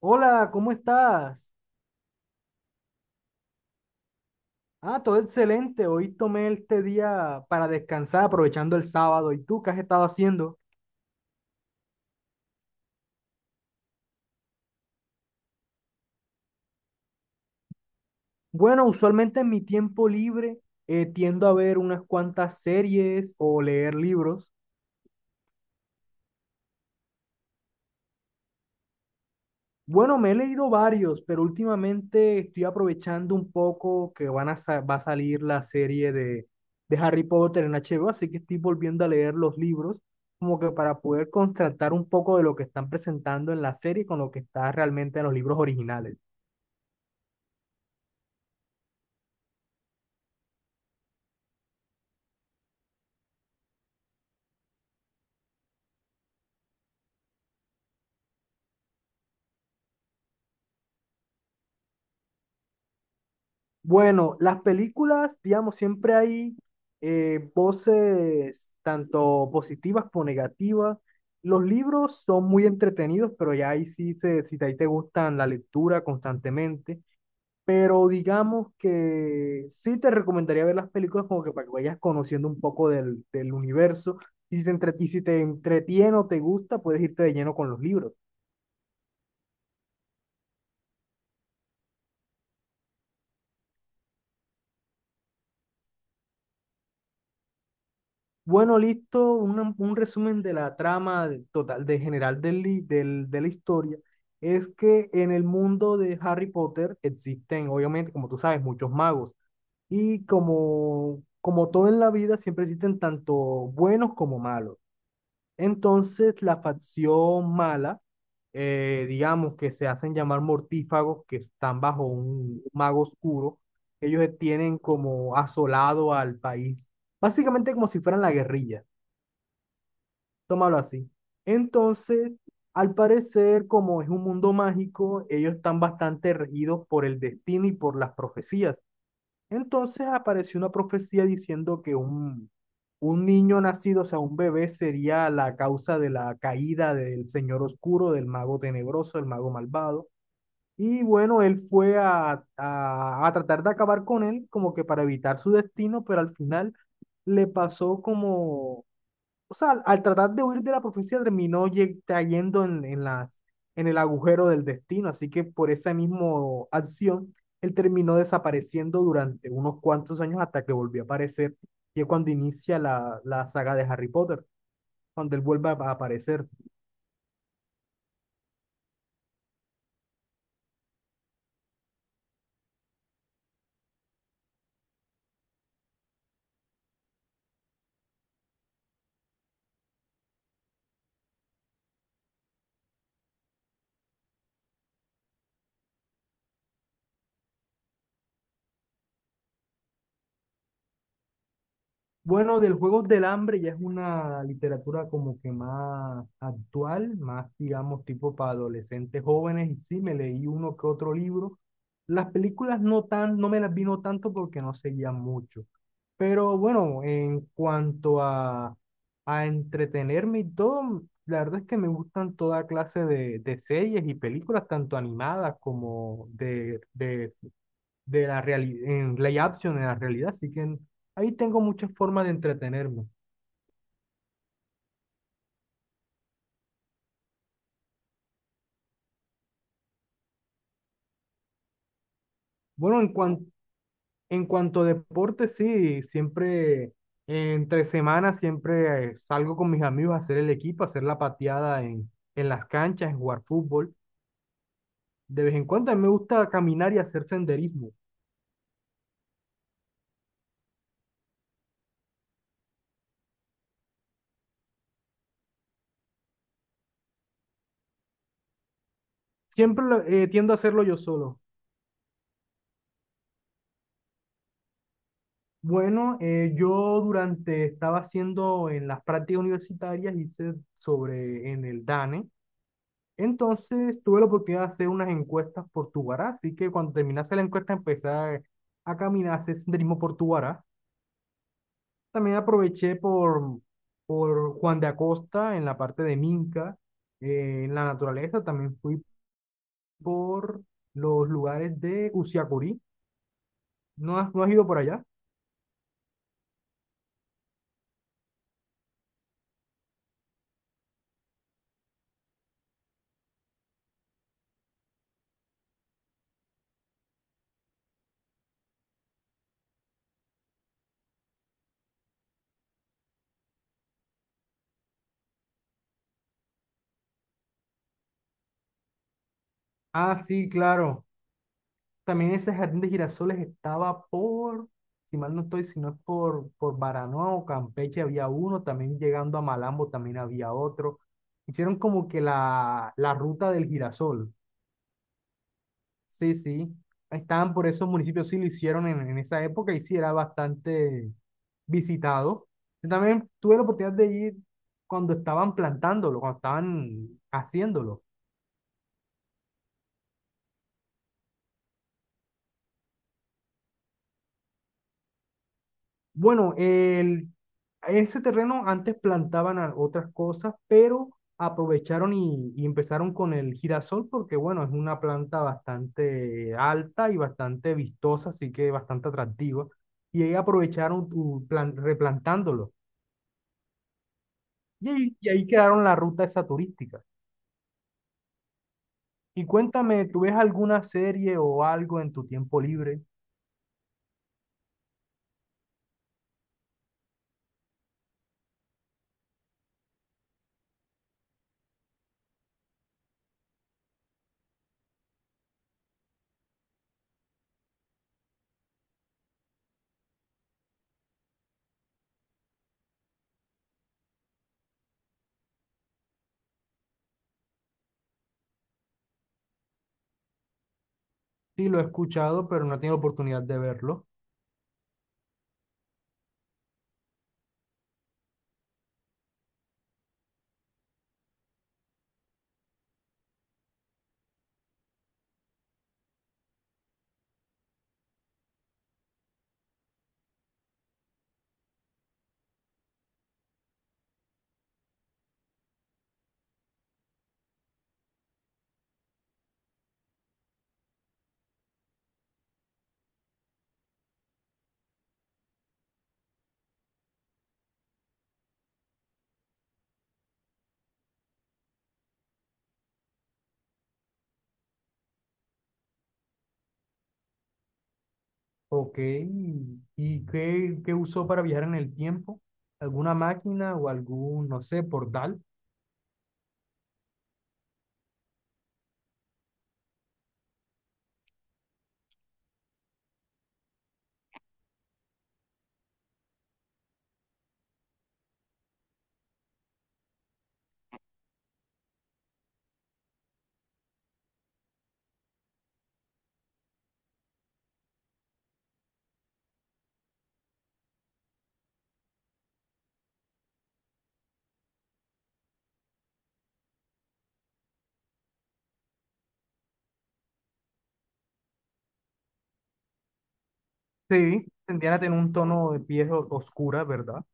Hola, ¿cómo estás? Ah, todo excelente. Hoy tomé este día para descansar, aprovechando el sábado. ¿Y tú qué has estado haciendo? Bueno, usualmente en mi tiempo libre tiendo a ver unas cuantas series o leer libros. Bueno, me he leído varios, pero últimamente estoy aprovechando un poco que van a va a salir la serie de Harry Potter en HBO, así que estoy volviendo a leer los libros como que para poder contrastar un poco de lo que están presentando en la serie con lo que está realmente en los libros originales. Bueno, las películas, digamos, siempre hay voces tanto positivas como negativas. Los libros son muy entretenidos, pero ya ahí sí, si ahí te gustan la lectura constantemente. Pero digamos que sí te recomendaría ver las películas como que para que vayas conociendo un poco del universo. Y si te entretiene o te gusta, puedes irte de lleno con los libros. Bueno, listo, un resumen de la trama total, de general de la historia. Es que en el mundo de Harry Potter existen, obviamente, como tú sabes, muchos magos. Y como todo en la vida, siempre existen tanto buenos como malos. Entonces, la facción mala, digamos que se hacen llamar mortífagos, que están bajo un mago oscuro, ellos tienen como asolado al país, básicamente como si fueran la guerrilla, tómalo así. Entonces, al parecer, como es un mundo mágico, ellos están bastante regidos por el destino y por las profecías. Entonces apareció una profecía diciendo que un niño nacido, o sea, un bebé, sería la causa de la caída del señor oscuro, del mago tenebroso, del mago malvado. Y bueno, él fue a tratar de acabar con él, como que para evitar su destino, pero al final le pasó como, o sea, al tratar de huir de la profecía terminó cayendo en el agujero del destino, así que por esa misma acción, él terminó desapareciendo durante unos cuantos años hasta que volvió a aparecer, y es cuando inicia la saga de Harry Potter, cuando él vuelve a aparecer. Bueno, del Juegos del Hambre ya es una literatura como que más actual, más digamos tipo para adolescentes jóvenes y sí, me leí uno que otro libro. Las películas no tan, no me las vino tanto porque no seguía mucho. Pero bueno, en cuanto a entretenerme y todo, la verdad es que me gustan toda clase de series y películas, tanto animadas como de de la realidad, en Play Action, en la realidad, así que ahí tengo muchas formas de entretenerme. Bueno, en cuanto a deporte, sí, siempre, entre semanas, siempre salgo con mis amigos a hacer el equipo, a hacer la pateada en las canchas, en jugar fútbol. De vez en cuando a mí me gusta caminar y hacer senderismo. Tiendo a hacerlo yo solo. Bueno, yo durante, estaba haciendo en las prácticas universitarias, hice sobre en el DANE. Entonces tuve la oportunidad de hacer unas encuestas por Tubará, así que cuando terminase la encuesta empecé a caminar, a hacer senderismo por Tubará. También aproveché por Juan de Acosta en la parte de Minca, en la naturaleza. También fui por los lugares de Usiacurí. No has ido por allá? Ah, sí, claro. También ese jardín de girasoles estaba por, si mal no estoy, si no es por Baranoa o Campeche había uno, también llegando a Malambo también había otro. Hicieron como que la ruta del girasol. Sí, sí. Estaban por esos municipios, sí lo hicieron en esa época y sí era bastante visitado. Yo también tuve la oportunidad de ir cuando estaban plantándolo, cuando estaban haciéndolo. Bueno, el, ese terreno antes plantaban otras cosas, pero aprovecharon y empezaron con el girasol porque, bueno, es una planta bastante alta y bastante vistosa, así que bastante atractiva. Y ahí aprovecharon replantándolo. Y ahí quedaron la ruta esa turística. Y cuéntame, ¿tú ves alguna serie o algo en tu tiempo libre? Sí, lo he escuchado, pero no he tenido oportunidad de verlo. Ok, y qué usó para viajar en el tiempo? ¿Alguna máquina o algún, no sé, portal? Sí, tendrían a tener un tono de piel oscura, ¿verdad?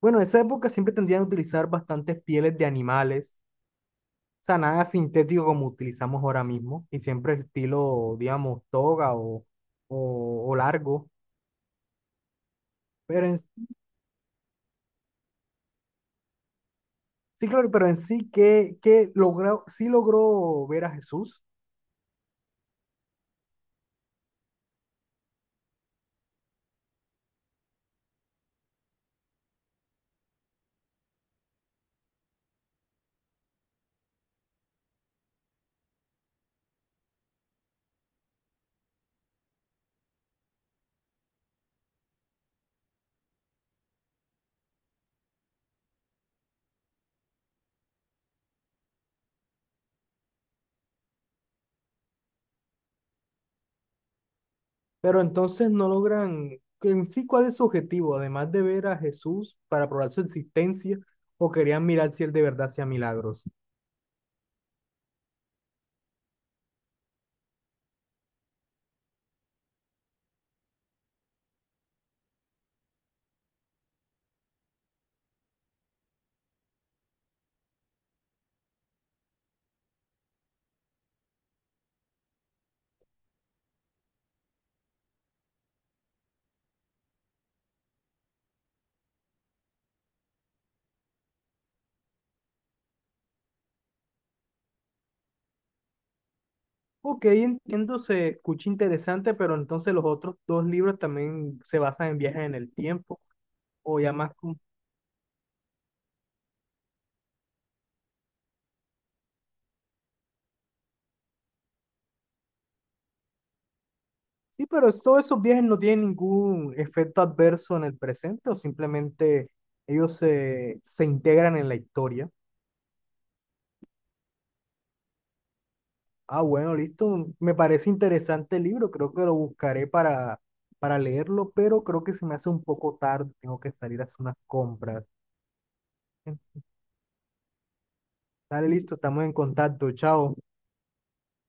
Bueno, en esa época siempre tendrían a utilizar bastantes pieles de animales, o sea, nada sintético como utilizamos ahora mismo, y siempre estilo, digamos, toga o largo. Pero en, sí, claro, pero en sí, ¿qué logró, sí logró ver a Jesús? Pero entonces no logran, en sí, ¿cuál es su objetivo? Además de ver a Jesús para probar su existencia, o querían mirar si él de verdad hacía milagros. Ok, entiendo, se escucha interesante, pero entonces los otros dos libros también se basan en viajes en el tiempo, o ya más como... Sí, pero es, todos esos viajes no tienen ningún efecto adverso en el presente, o simplemente ellos se integran en la historia. Ah, bueno, listo. Me parece interesante el libro. Creo que lo buscaré para leerlo, pero creo que se me hace un poco tarde. Tengo que salir a hacer unas compras. Dale, listo. Estamos en contacto. Chao.